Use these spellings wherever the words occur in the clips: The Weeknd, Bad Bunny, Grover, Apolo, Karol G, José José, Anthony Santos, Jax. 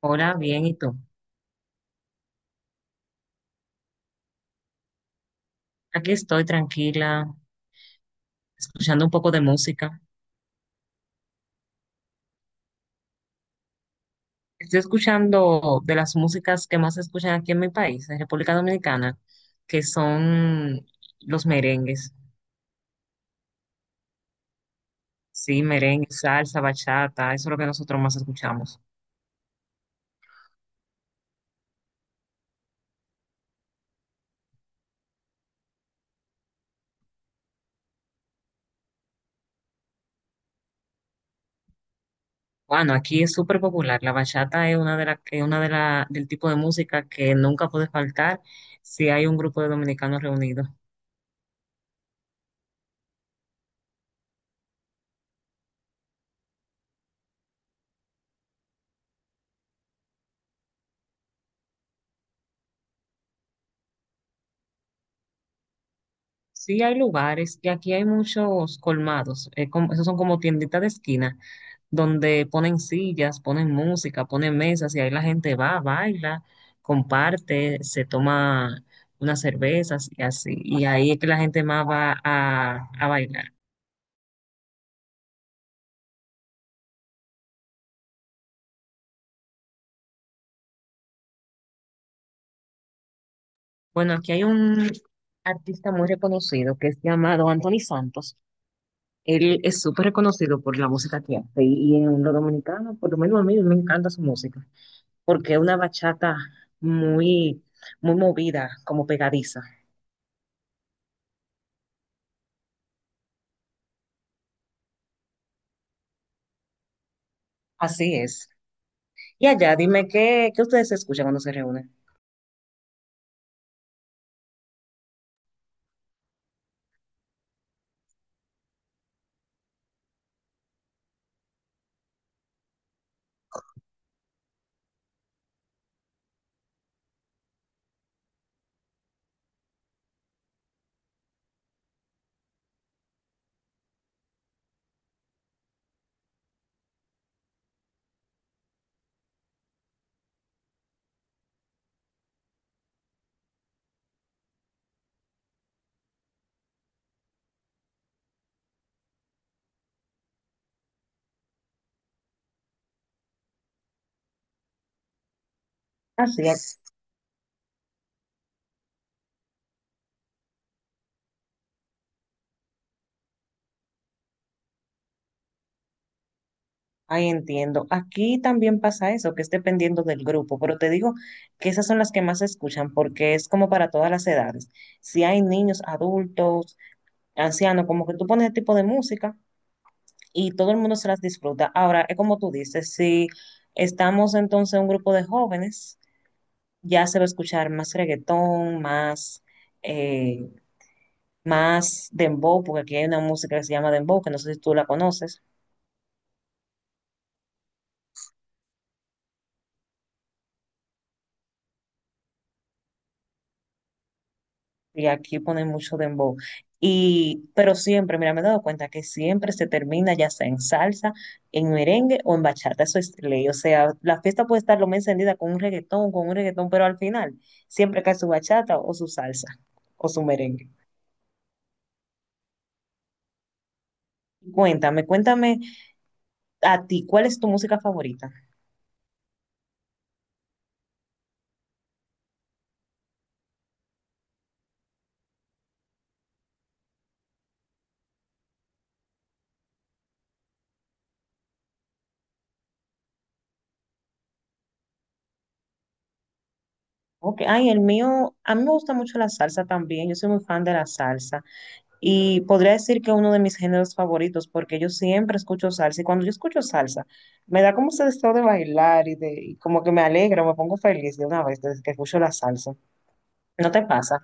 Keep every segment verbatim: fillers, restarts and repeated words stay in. Hola, bien, ¿y tú? Aquí estoy tranquila, escuchando un poco de música. Estoy escuchando de las músicas que más se escuchan aquí en mi país, en República Dominicana, que son los merengues. Sí, merengue, salsa, bachata, eso es lo que nosotros más escuchamos. Bueno, aquí es súper popular. La bachata es una de la, es una de la, del tipo de música que nunca puede faltar si hay un grupo de dominicanos reunidos. Sí, hay lugares y aquí hay muchos colmados. Eh, como- esos son como tienditas de esquina donde ponen sillas, ponen música, ponen mesas y ahí la gente va, baila, comparte, se toma unas cervezas y así. Y ahí es que la gente más va a, a bailar. Bueno, aquí hay un artista muy reconocido que es llamado Anthony Santos. Él es súper reconocido por la música que hace y y en lo dominicano, por lo menos a mí me encanta su música, porque es una bachata muy, muy movida, como pegadiza. Así es. Y allá, dime qué, qué ustedes escuchan cuando se reúnen. Así es. Ahí entiendo. Aquí también pasa eso, que es dependiendo del grupo, pero te digo que esas son las que más se escuchan porque es como para todas las edades. Si hay niños, adultos, ancianos, como que tú pones ese tipo de música y todo el mundo se las disfruta. Ahora, es como tú dices, si estamos entonces un grupo de jóvenes, ya se va a escuchar más reggaetón, más, eh, más dembow, porque aquí hay una música que se llama dembow, que no sé si tú la conoces. Y aquí ponen mucho dembow. Y pero siempre, mira, me he dado cuenta que siempre se termina ya sea en salsa, en merengue o en bachata. Eso es ley. O sea, la fiesta puede estar lo más encendida con un reggaetón, con un reggaetón, pero al final siempre cae su bachata o su salsa o su merengue. Cuéntame, cuéntame a ti, ¿cuál es tu música favorita? Ok, ay, el mío, a mí me gusta mucho la salsa también. Yo soy muy fan de la salsa. Y podría decir que uno de mis géneros favoritos, porque yo siempre escucho salsa y cuando yo escucho salsa, me da como ese estado de bailar y, de, y como que me alegra, me pongo feliz de una vez desde que escucho la salsa. ¿No te pasa?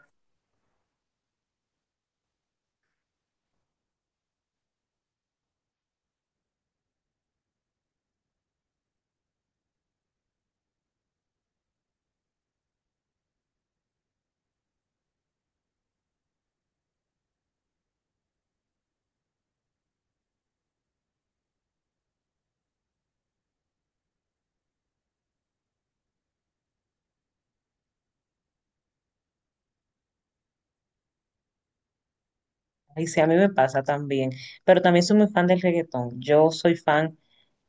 Y sí, a mí me pasa también, pero también soy muy fan del reggaetón. Yo soy fan,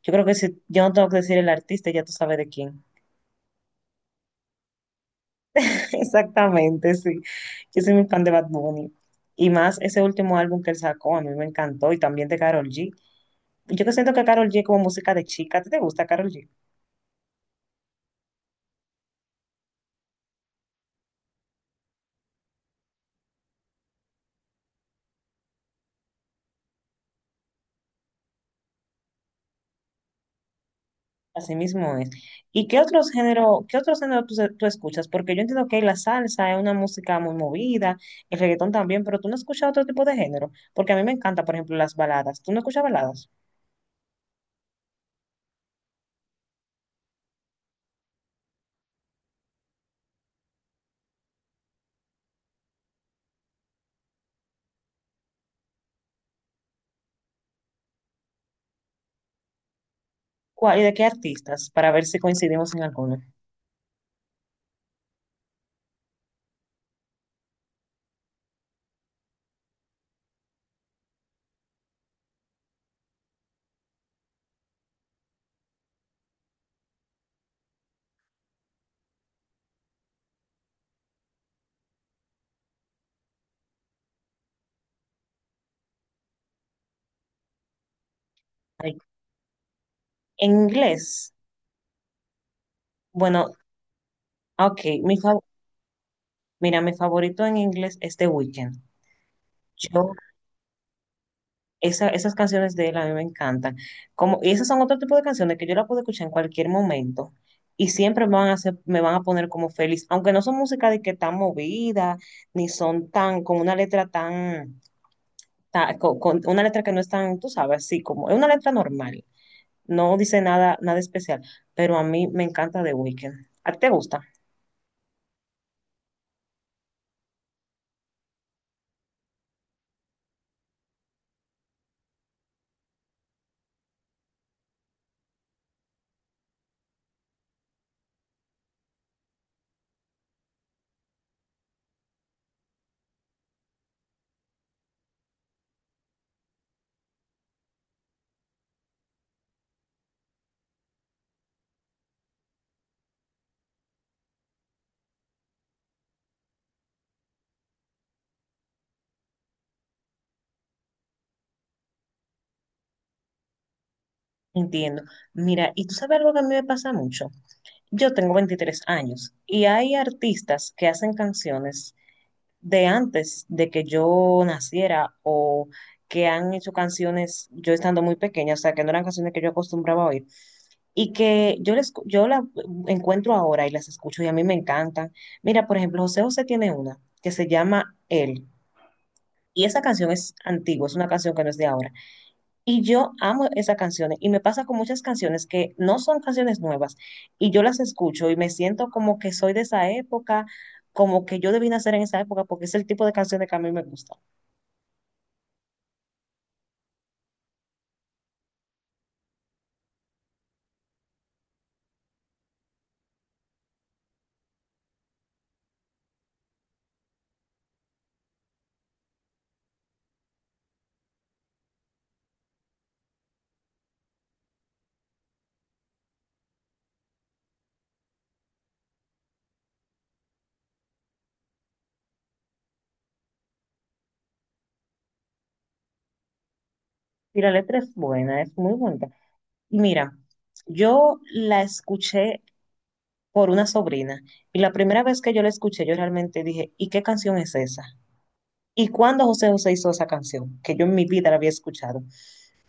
yo creo que si yo no tengo que decir el artista, ya tú sabes de quién. Exactamente, sí. Yo soy muy fan de Bad Bunny. Y más ese último álbum que él sacó, a mí me encantó, y también de Karol G. Yo que siento que Karol G es como música de chica, ¿a ti te gusta Karol G? Así mismo es. ¿Y qué otros género, qué otros género tú, se- tú escuchas? Porque yo entiendo que la salsa es una música muy movida, el reggaetón también, pero tú no escuchas otro tipo de género. Porque a mí me encanta, por ejemplo, las baladas. ¿Tú no escuchas baladas? ¿Cuál, y de qué artistas? Para ver si coincidimos en alguno. Ay, en inglés, bueno, ok, mi fa- mira, mi favorito en inglés es The Weeknd. Yo Esa- esas canciones de él a mí me encantan. Como, y esas son otro tipo de canciones que yo la puedo escuchar en cualquier momento y siempre me van a hacer, me van a poner como feliz, aunque no son música de que tan movida, ni son tan, con una letra tan, ta- co- con, una letra que no es tan, tú sabes, así como, es una letra normal, no dice nada, nada especial, pero a mí me encanta The Weeknd. ¿A ti te gusta? Entiendo. Mira, y tú sabes algo que a mí me pasa mucho. Yo tengo veintitrés años y hay artistas que hacen canciones de antes de que yo naciera o que han hecho canciones yo estando muy pequeña, o sea, que no eran canciones que yo acostumbraba a oír y que yo les, yo la encuentro ahora y las escucho y a mí me encantan. Mira, por ejemplo, José José tiene una que se llama Él y esa canción es antigua, es una canción que no es de ahora y yo amo esas canciones y me pasa con muchas canciones que no son canciones nuevas y yo las escucho y me siento como que soy de esa época, como que yo debí nacer en esa época porque es el tipo de canciones que a mí me gusta. Y la letra es buena, es muy bonita. Y mira, yo la escuché por una sobrina y la primera vez que yo la escuché yo realmente dije, ¿y qué canción es esa? ¿Y cuándo José José hizo esa canción? Que yo en mi vida la había escuchado.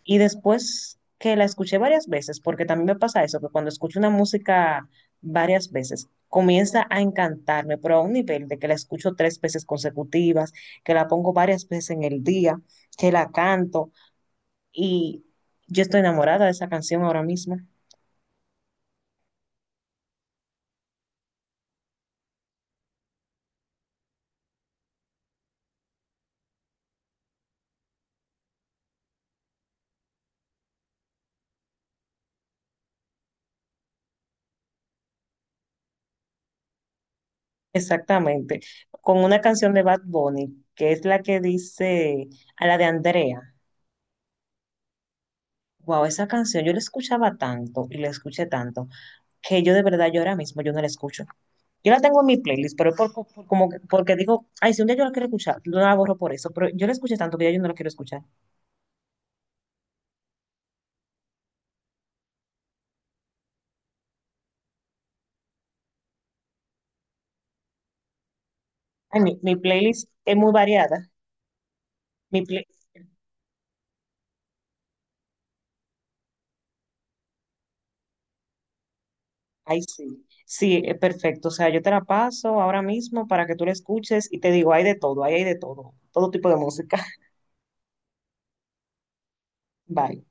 Y después que la escuché varias veces, porque también me pasa eso, que cuando escucho una música varias veces, comienza a encantarme, pero a un nivel de que la escucho tres veces consecutivas, que la pongo varias veces en el día, que la canto y yo estoy enamorada de esa canción ahora mismo. Exactamente, con una canción de Bad Bunny, que es la que dice a la de Andrea. Wow, esa canción yo la escuchaba tanto y la escuché tanto que yo de verdad yo ahora mismo yo no la escucho. Yo la tengo en mi playlist, pero por, por- por- como que- porque digo, ay, si un día yo la quiero escuchar, no la borro por eso, pero yo la escuché tanto que ya yo no la quiero escuchar. Ay, mi, mi playlist es muy variada. Mi play, Ay, sí. Sí, eh, perfecto. O sea, yo te la paso ahora mismo para que tú la escuches y te digo, hay de todo, ahí hay de todo, todo tipo de música. Bye.